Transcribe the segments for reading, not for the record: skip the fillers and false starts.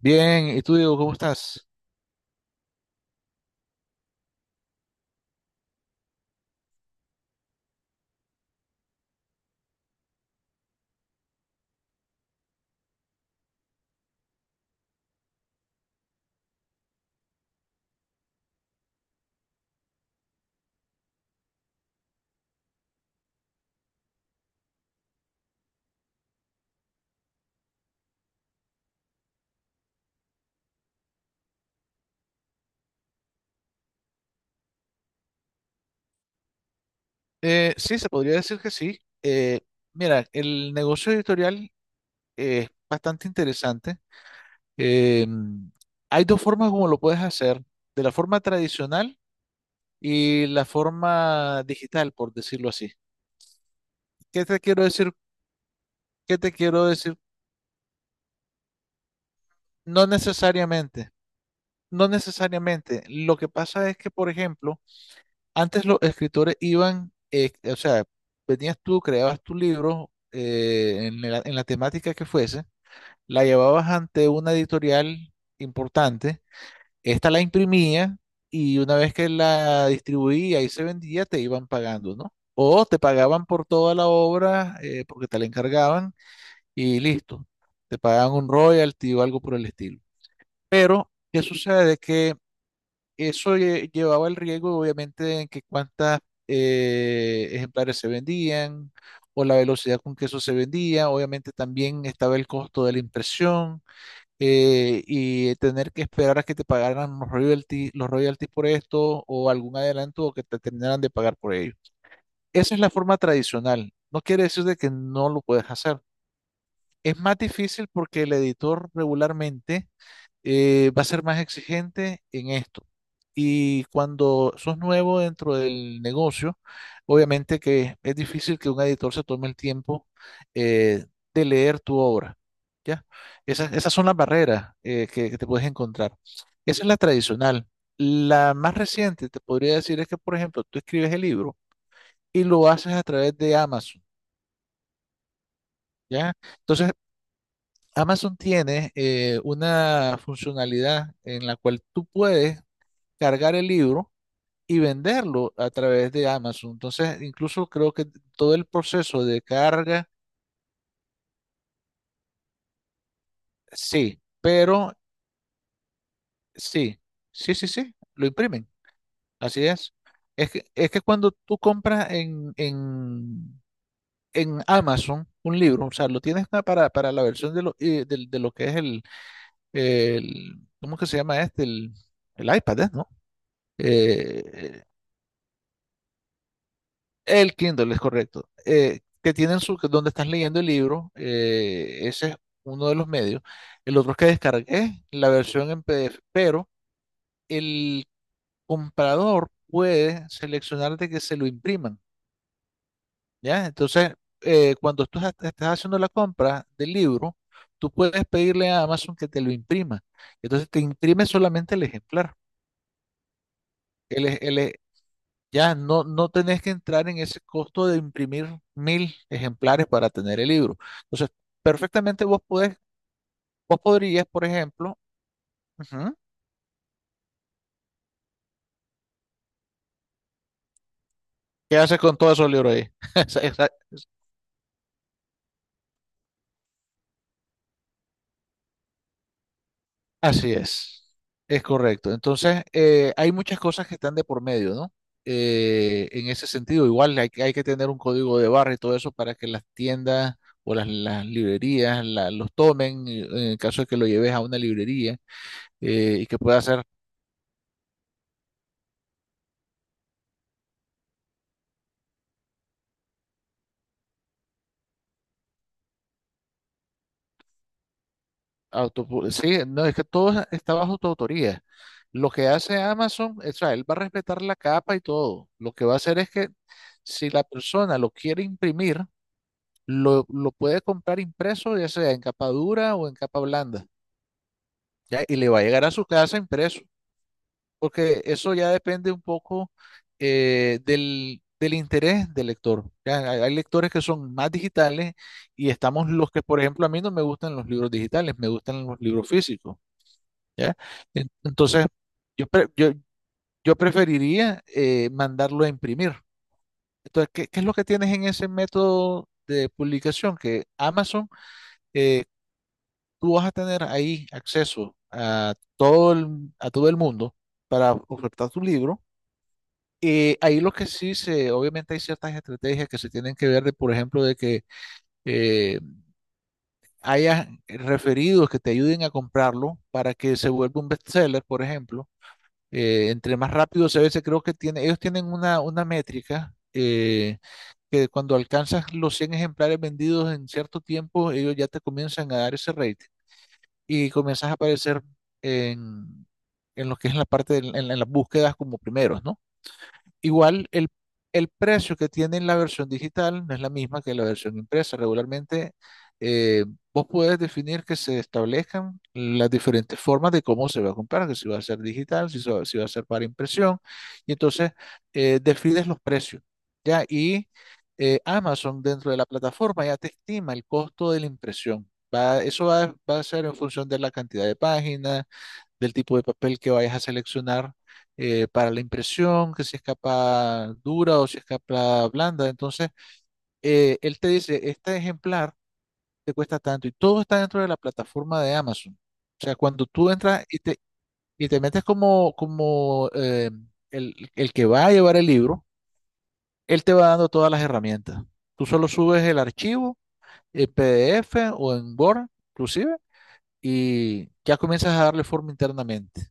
Bien, ¿y tú, Diego, cómo estás? Sí, se podría decir que sí. Mira, el negocio editorial es bastante interesante. Eh, Hay dos formas como lo puedes hacer, de la forma tradicional y la forma digital, por decirlo así. ¿Qué te quiero decir? ¿Qué te quiero decir? No necesariamente, no necesariamente. Lo que pasa es que, por ejemplo, antes los escritores iban, o sea, venías tú, creabas tu libro en la temática que fuese, la llevabas ante una editorial importante, esta la imprimía y una vez que la distribuía y se vendía, te iban pagando, ¿no? O te pagaban por toda la obra porque te la encargaban y listo, te pagaban un royalty o algo por el estilo. Pero, ¿qué sucede? Que eso llevaba el riesgo, obviamente, en que cuántas ejemplares se vendían o la velocidad con que eso se vendía. Obviamente también estaba el costo de la impresión y tener que esperar a que te pagaran los royalties por esto o algún adelanto o que te terminaran de pagar por ello. Esa es la forma tradicional. No quiere decir de que no lo puedes hacer. Es más difícil porque el editor regularmente va a ser más exigente en esto. Y cuando sos nuevo dentro del negocio, obviamente que es difícil que un editor se tome el tiempo eh, de leer tu obra, ¿ya? Esas son las barreras que te puedes encontrar. Esa es la tradicional. La más reciente, te podría decir, es que, por ejemplo, tú escribes el libro y lo haces a través de Amazon, ¿ya? Entonces, Amazon tiene una funcionalidad en la cual tú puedes cargar el libro y venderlo a través de Amazon. Entonces, incluso creo que todo el proceso de carga, sí, pero sí, sí, sí, sí, lo imprimen. Así es. Es que cuando tú compras en Amazon un libro, o sea, lo tienes para la versión de lo que es ¿cómo que se llama este? El iPad, ¿no? Eh, El Kindle es correcto, que tienen que donde estás leyendo el libro, ese es uno de los medios. El otro es que descargué la versión en PDF, pero el comprador puede seleccionar de que se lo impriman, ¿ya? Entonces, cuando tú estás haciendo la compra del libro, tú puedes pedirle a Amazon que te lo imprima. Entonces, te imprime solamente el ejemplar. El, e- e- Ya, no, no tenés que entrar en ese costo de imprimir 1000 ejemplares para tener el libro. Entonces, perfectamente vos podrías, por ejemplo, ujú, ¿qué haces con todos esos libros ahí? Esa- esa- Así es correcto. Entonces, hay muchas cosas que están de por medio, ¿no? En ese sentido, igual que hay que tener un código de barra y todo eso para que las tiendas o las librerías los tomen, en el caso de que lo lleves a una librería y que pueda ser... Sí, no, es que todo está bajo tu autoría. Lo que hace Amazon, o sea, él va a respetar la capa y todo. Lo que va a hacer es que si la persona lo quiere imprimir, lo puede comprar impreso, ya sea en capa dura o en capa blanda, ¿ya? Y le va a llegar a su casa impreso, porque eso ya depende un poco del interés del lector. ¿Ya? Hay lectores que son más digitales y estamos los que, por ejemplo, a mí no me gustan los libros digitales, me gustan los libros físicos. ¿Ya? Entonces, yo, pre- yo, yo preferiría mandarlo a imprimir. Entonces, ¿qué es lo que tienes en ese método de publicación. Que Amazon, eh, tú vas a tener ahí acceso a todo el mundo para ofertar tu libro. Ahí lo que sí se, obviamente hay ciertas estrategias que se tienen que ver de, por ejemplo, de que eh, haya referidos que te ayuden a comprarlo para que se vuelva un bestseller, por ejemplo, entre más rápido a veces creo que tiene, ellos tienen una métrica, que cuando alcanzas los 100 ejemplares vendidos en cierto tiempo, ellos ya te comienzan a dar ese rating y comienzas a aparecer en, en lo que es la parte, en las búsquedas como primeros, ¿no? Igual el precio que tiene en la versión digital no es la misma que la versión impresa. Regularmente eh, vos puedes definir que se establezcan las diferentes formas de cómo se va a comprar, que si va a ser digital, si va a ser para impresión, y entonces defines los precios, ¿ya? Y Amazon dentro de la plataforma ya te estima el costo de la impresión. Eso va a ser en función de la cantidad de páginas, del tipo de papel que vayas a seleccionar para la impresión, que si es capa dura o si es capa blanda. Entonces, él te dice, este ejemplar te cuesta tanto y todo está dentro de la plataforma de Amazon. O sea, cuando tú entras y te metes como, como el que va a llevar el libro, él te va dando todas las herramientas. Tú solo subes el archivo en PDF o en Word, inclusive, y ya comienzas a darle forma internamente.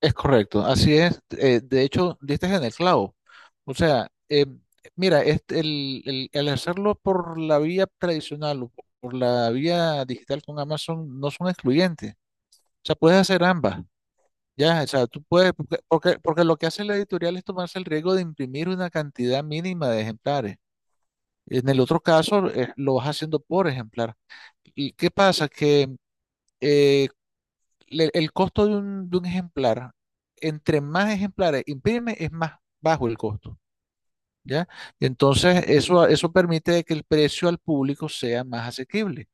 Es correcto, así es. De hecho, diste en el clavo. O sea, mira, este, el hacerlo por la vía tradicional o por la vía digital con Amazon no son excluyentes. O sea, puedes hacer ambas. Ya, o sea, tú puedes, porque lo que hace la editorial es tomarse el riesgo de imprimir una cantidad mínima de ejemplares. En el otro caso, lo vas haciendo por ejemplar. ¿Y qué pasa? Que eh, el costo de un ejemplar, entre más ejemplares imprime, es más bajo el costo, ¿ya? Entonces, eso permite de que el precio al público sea más asequible.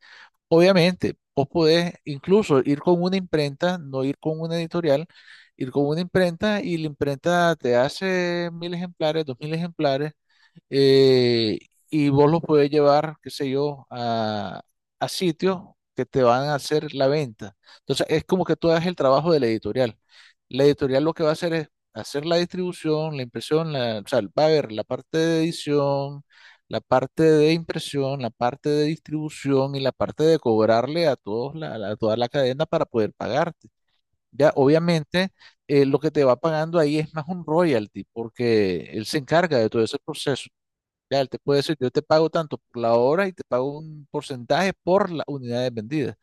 Obviamente, vos podés incluso ir con una imprenta, no ir con una editorial, ir con una imprenta y la imprenta te hace 1000 ejemplares, 2000 ejemplares, eh, y vos los podés llevar, qué sé yo, a sitios que te van a hacer la venta. Entonces, es como que tú hagas el trabajo de la editorial. La editorial lo que va a hacer es hacer la distribución, la impresión, o sea, va a ver la parte de edición, la parte de impresión, la parte de distribución y la parte de cobrarle a todos a toda la cadena para poder pagarte. Ya, obviamente, lo que te va pagando ahí es más un royalty, porque él se encarga de todo ese proceso. Ya, él te puede decir, yo te pago tanto por la hora y te pago un porcentaje por las unidades vendidas,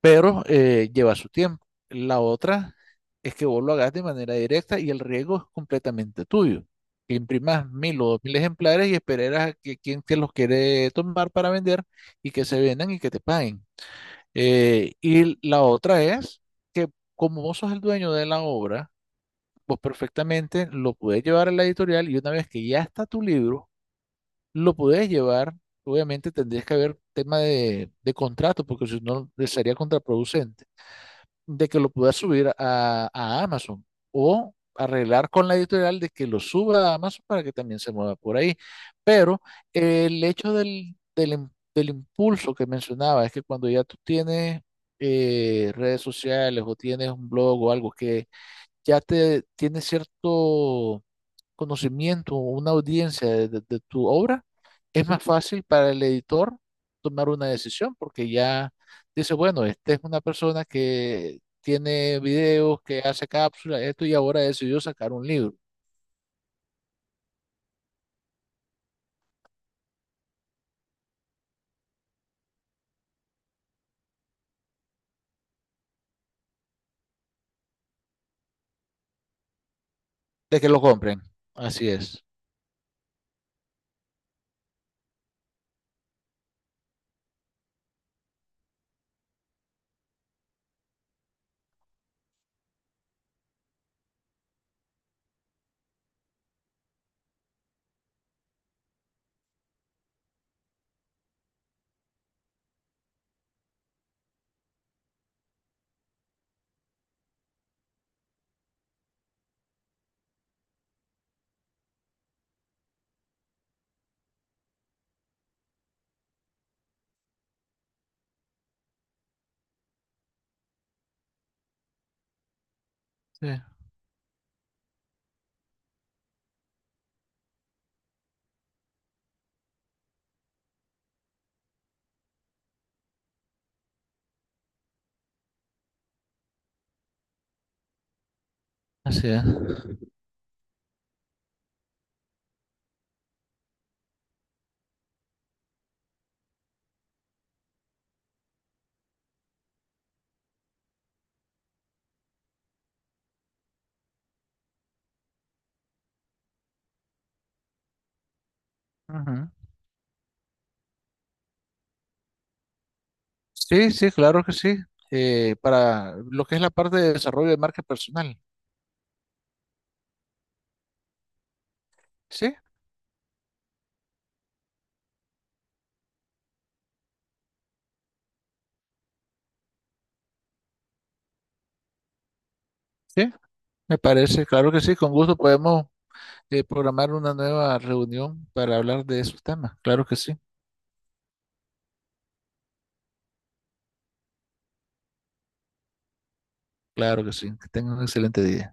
pero lleva su tiempo. La otra es que vos lo hagas de manera directa y el riesgo es completamente tuyo. Que imprimas 1000 o 2000 ejemplares y esperarás a que quien te los quiere tomar para vender y que se vendan y que te paguen. Y la otra es que como vos sos el dueño de la obra, vos perfectamente lo puedes llevar a la editorial y una vez que ya está tu libro, lo podés llevar, obviamente tendrías que haber tema de contrato, porque si no le sería contraproducente, de que lo puedas subir a Amazon o arreglar con la editorial de que lo suba a Amazon para que también se mueva por ahí. Pero el hecho del impulso que mencionaba es que cuando ya tú tienes redes sociales o tienes un blog o algo que ya te tiene cierto conocimiento, o una audiencia de tu obra, es más fácil para el editor tomar una decisión porque ya dice, bueno, esta es una persona que tiene videos, que hace cápsulas, esto y ahora decidió sacar un libro, de que lo compren. Así es. Sí, así es. Ujú. Sí, sí, claro que sí. Para lo que es la parte de desarrollo de marca personal. Sí, sí, me parece, claro que sí, con gusto podemos programar una nueva reunión para hablar de esos temas. Claro que sí, claro que sí. Que tengan un excelente día.